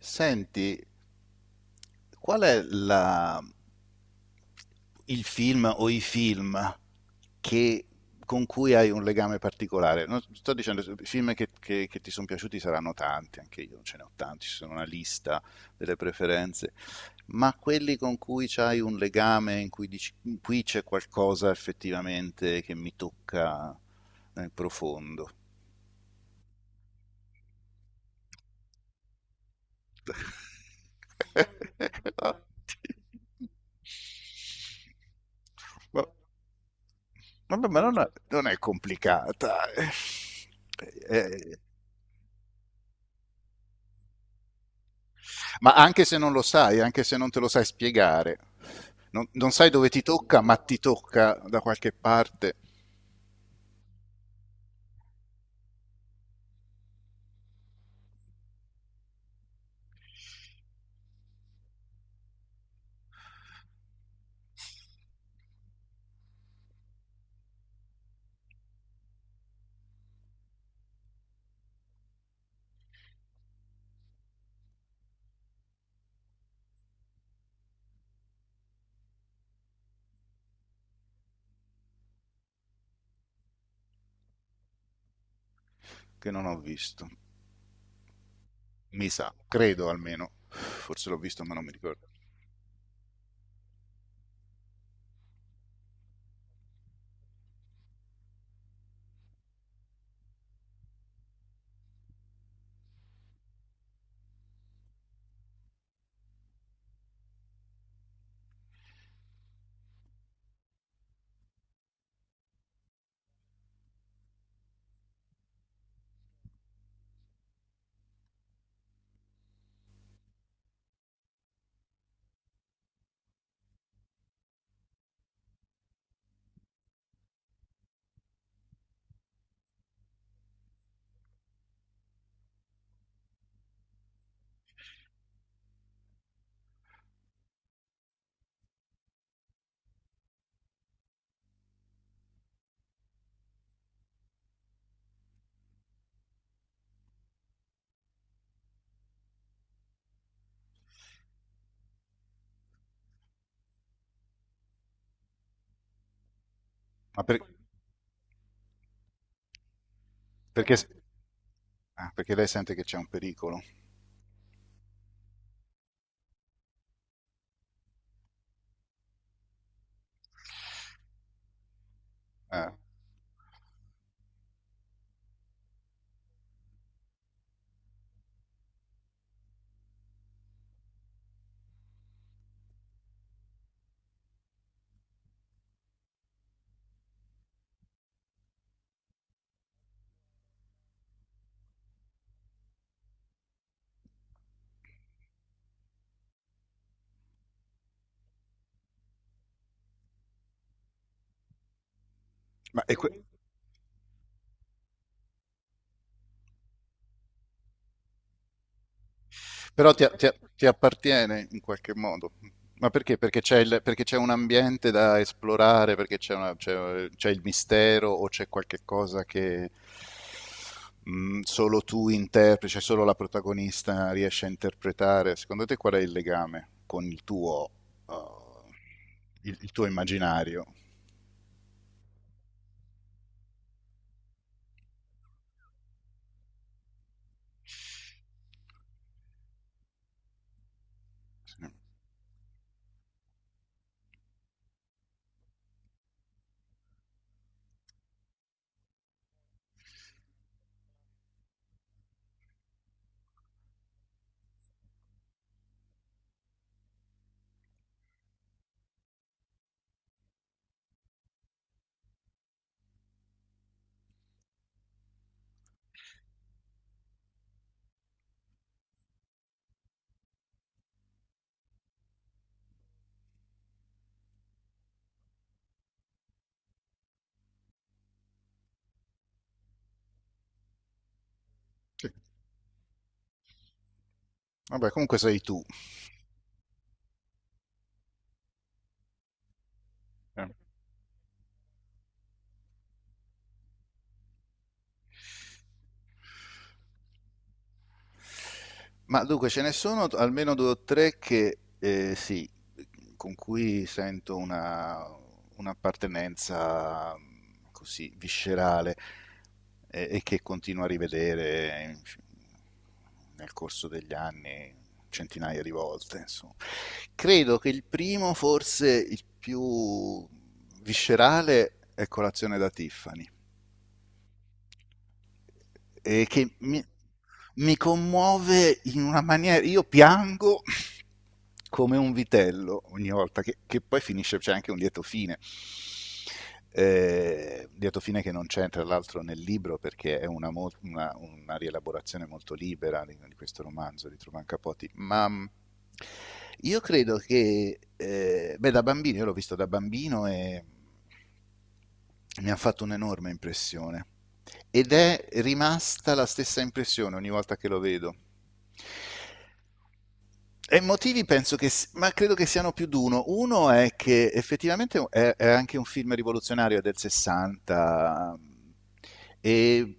Senti, qual è la- il film o i film che- con cui hai un legame particolare? Non sto dicendo, i film che ti sono piaciuti saranno tanti, anche io ce ne ho tanti, ci sono una lista delle preferenze, ma quelli con cui c'hai un legame, in cui dici, qui c'è qualcosa effettivamente che mi tocca nel profondo. Ma- Vabbè, ma non è complicata. Eh, ma anche se non lo sai, anche se non te lo sai spiegare, non sai dove ti tocca, ma ti tocca da qualche parte che non ho visto. Mi sa, credo almeno. Forse l'ho visto, ma non mi ricordo. Ma per- perché, ah, perché lei sente che c'è un pericolo. Eh, Ma e que- Però ti appartiene in qualche modo. Ma perché? Perché perché c'è un ambiente da esplorare, perché c'è il mistero o c'è qualche cosa che solo tu interpreti, cioè solo la protagonista riesce a interpretare. Secondo te qual è il legame con il tuo, uh, il tuo immaginario? Sì. Vabbè, comunque sei tu. Eh. Ma dunque ce ne sono almeno due o tre che sì, con cui sento una, un'appartenenza così viscerale e che continuo a rivedere nel corso degli anni centinaia di volte, insomma. Credo che il primo, forse il più viscerale, è Colazione da Tiffany eh, che mi, mi commuove in una maniera. Io piango come un vitello ogni volta, che poi finisce, c'è anche un lieto fine. Lieto fine che non c'è tra l'altro nel libro perché è una, una rielaborazione molto libera di questo romanzo di Truman Capote, ma io credo che, beh, da bambino, io l'ho visto da bambino e mi ha fatto un'enorme impressione. Ed è rimasta la stessa impressione ogni volta che lo vedo. E i motivi penso che, ma credo che siano più di uno. Uno è che effettivamente è anche un film rivoluzionario è del 60 e,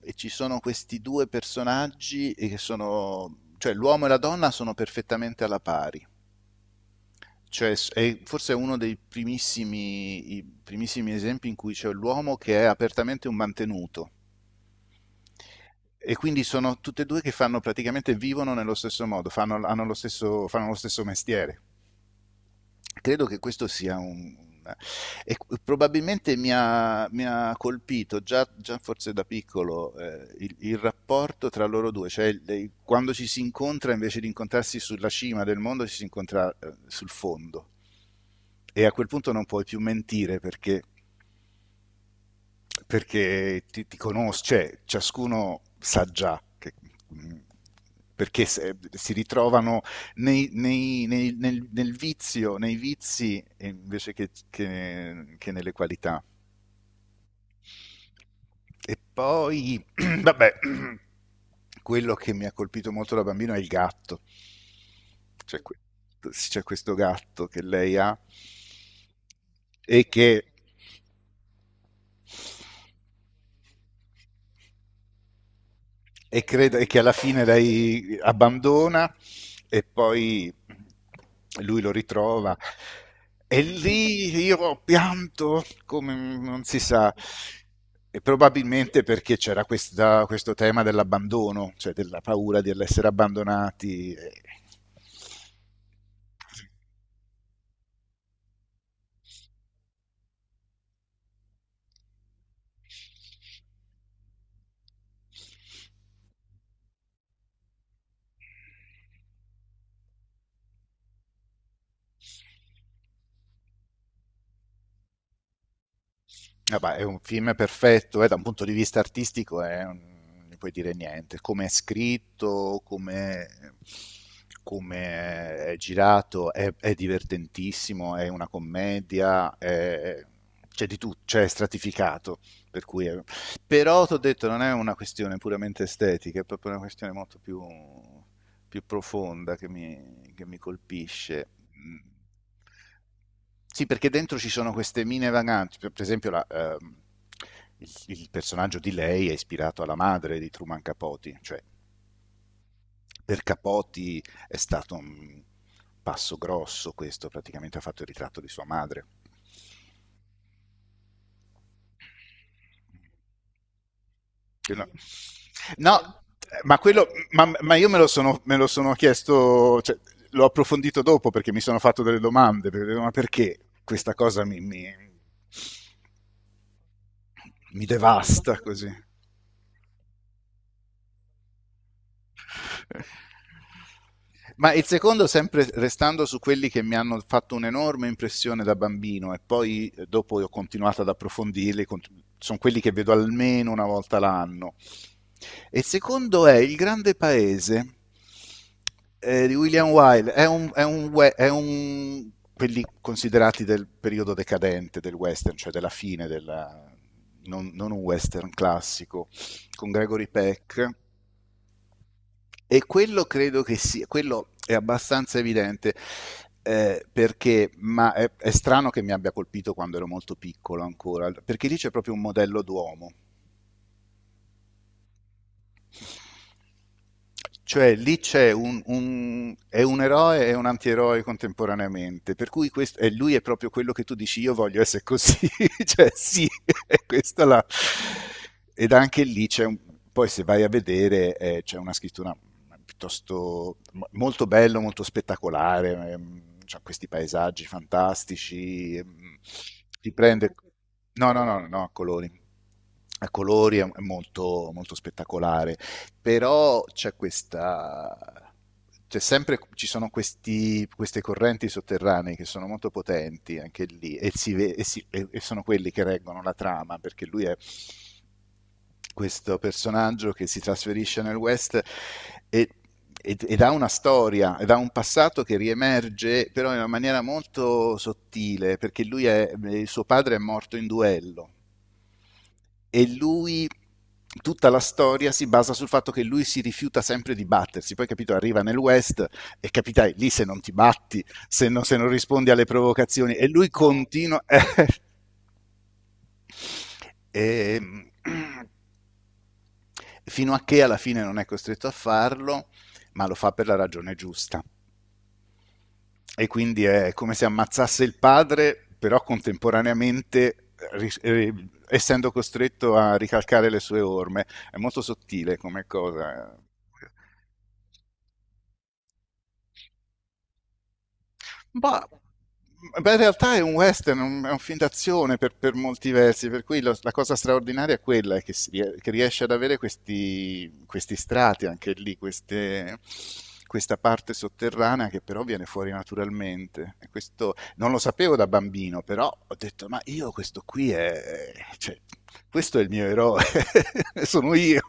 e ci sono questi due personaggi che sono, cioè l'uomo e la donna sono perfettamente alla pari. Cioè, è forse uno dei primissimi, i primissimi esempi in cui c'è l'uomo che è apertamente un mantenuto e quindi sono tutte e due che fanno praticamente vivono nello stesso modo, fanno, hanno lo stesso, fanno lo stesso mestiere. Credo che questo sia un. E probabilmente mi ha colpito già, forse da piccolo rapporto tra loro due, cioè il, quando ci si incontra invece di incontrarsi sulla cima del mondo ci si incontra sul fondo e a quel punto non puoi più mentire perché ti conosco, cioè ciascuno sa già che, mm, perché si ritrovano nel vizio, nei vizi invece che nelle qualità. E poi, vabbè, quello che mi ha colpito molto da bambino è il gatto. C'è que- c'è questo gatto che lei ha e che. E, credo, e che alla fine lei abbandona e poi lui lo ritrova. E lì io ho pianto come non si sa, e probabilmente perché c'era questo tema dell'abbandono, cioè della paura di essere abbandonati. Eh beh, è un film perfetto, da un punto di vista artistico è non ne puoi dire niente. Come è scritto, come è girato, è divertentissimo, è una commedia, c'è di tutto, cioè è stratificato. Per cui è- Però ti ho detto, non è una questione puramente estetica, è proprio una questione molto più profonda che che mi colpisce. Mm. Sì, perché dentro ci sono queste mine vaganti, per esempio la, il personaggio di lei è ispirato alla madre di Truman Capote, cioè per Capote è stato un passo grosso questo, praticamente ha fatto il ritratto di sua madre. No, no, ma, ma io me lo sono chiesto, cioè, l'ho approfondito dopo perché mi sono fatto delle domande, perché, ma perché questa cosa mi devasta così? Ma il secondo, sempre restando su quelli che mi hanno fatto un'enorme impressione da bambino e poi dopo ho continuato ad approfondirli, sono quelli che vedo almeno una volta l'anno. E il secondo è Il grande paese di William Wilde, è un we- è un- quelli considerati del periodo decadente del western, cioè della fine, della, non un western classico, con Gregory Peck e quello credo che sia, quello è abbastanza evidente, ma è strano che mi abbia colpito quando ero molto piccolo ancora, perché lì c'è proprio un modello d'uomo, cioè lì c'è un è un eroe e un antieroe contemporaneamente, per cui lui è proprio quello che tu dici io voglio essere così, cioè sì, è questa la. Ed anche lì c'è un. Poi se vai a vedere c'è una scrittura piuttosto. Molto bello, molto spettacolare, c'ha questi paesaggi fantastici, ti prende. No, a colori. A colori è molto, molto spettacolare però c'è questa. C'è sempre, ci sono queste correnti sotterranee che sono molto potenti anche lì e sono quelli che reggono la trama perché lui è questo personaggio che si trasferisce nel West e ed ha una storia, ed ha un passato che riemerge però in una maniera molto sottile, perché il suo padre è morto in duello e lui tutta la storia si basa sul fatto che lui si rifiuta sempre di battersi. Poi, capito, arriva nel West e capitai lì se non ti batti, se non rispondi alle provocazioni. E lui continua. E- fino a che alla fine non è costretto a farlo, ma lo fa per la ragione giusta e quindi è come se ammazzasse il padre, però contemporaneamente essendo costretto a ricalcare le sue orme. È molto sottile come cosa. Ma beh, in realtà è un western, è un film d'azione per molti versi, per cui la cosa straordinaria è quella, è che, che riesce ad avere questi strati anche lì, questa parte sotterranea che però viene fuori naturalmente. E questo non lo sapevo da bambino, però ho detto, ma io questo qui è. Cioè, questo è il mio eroe, sono io.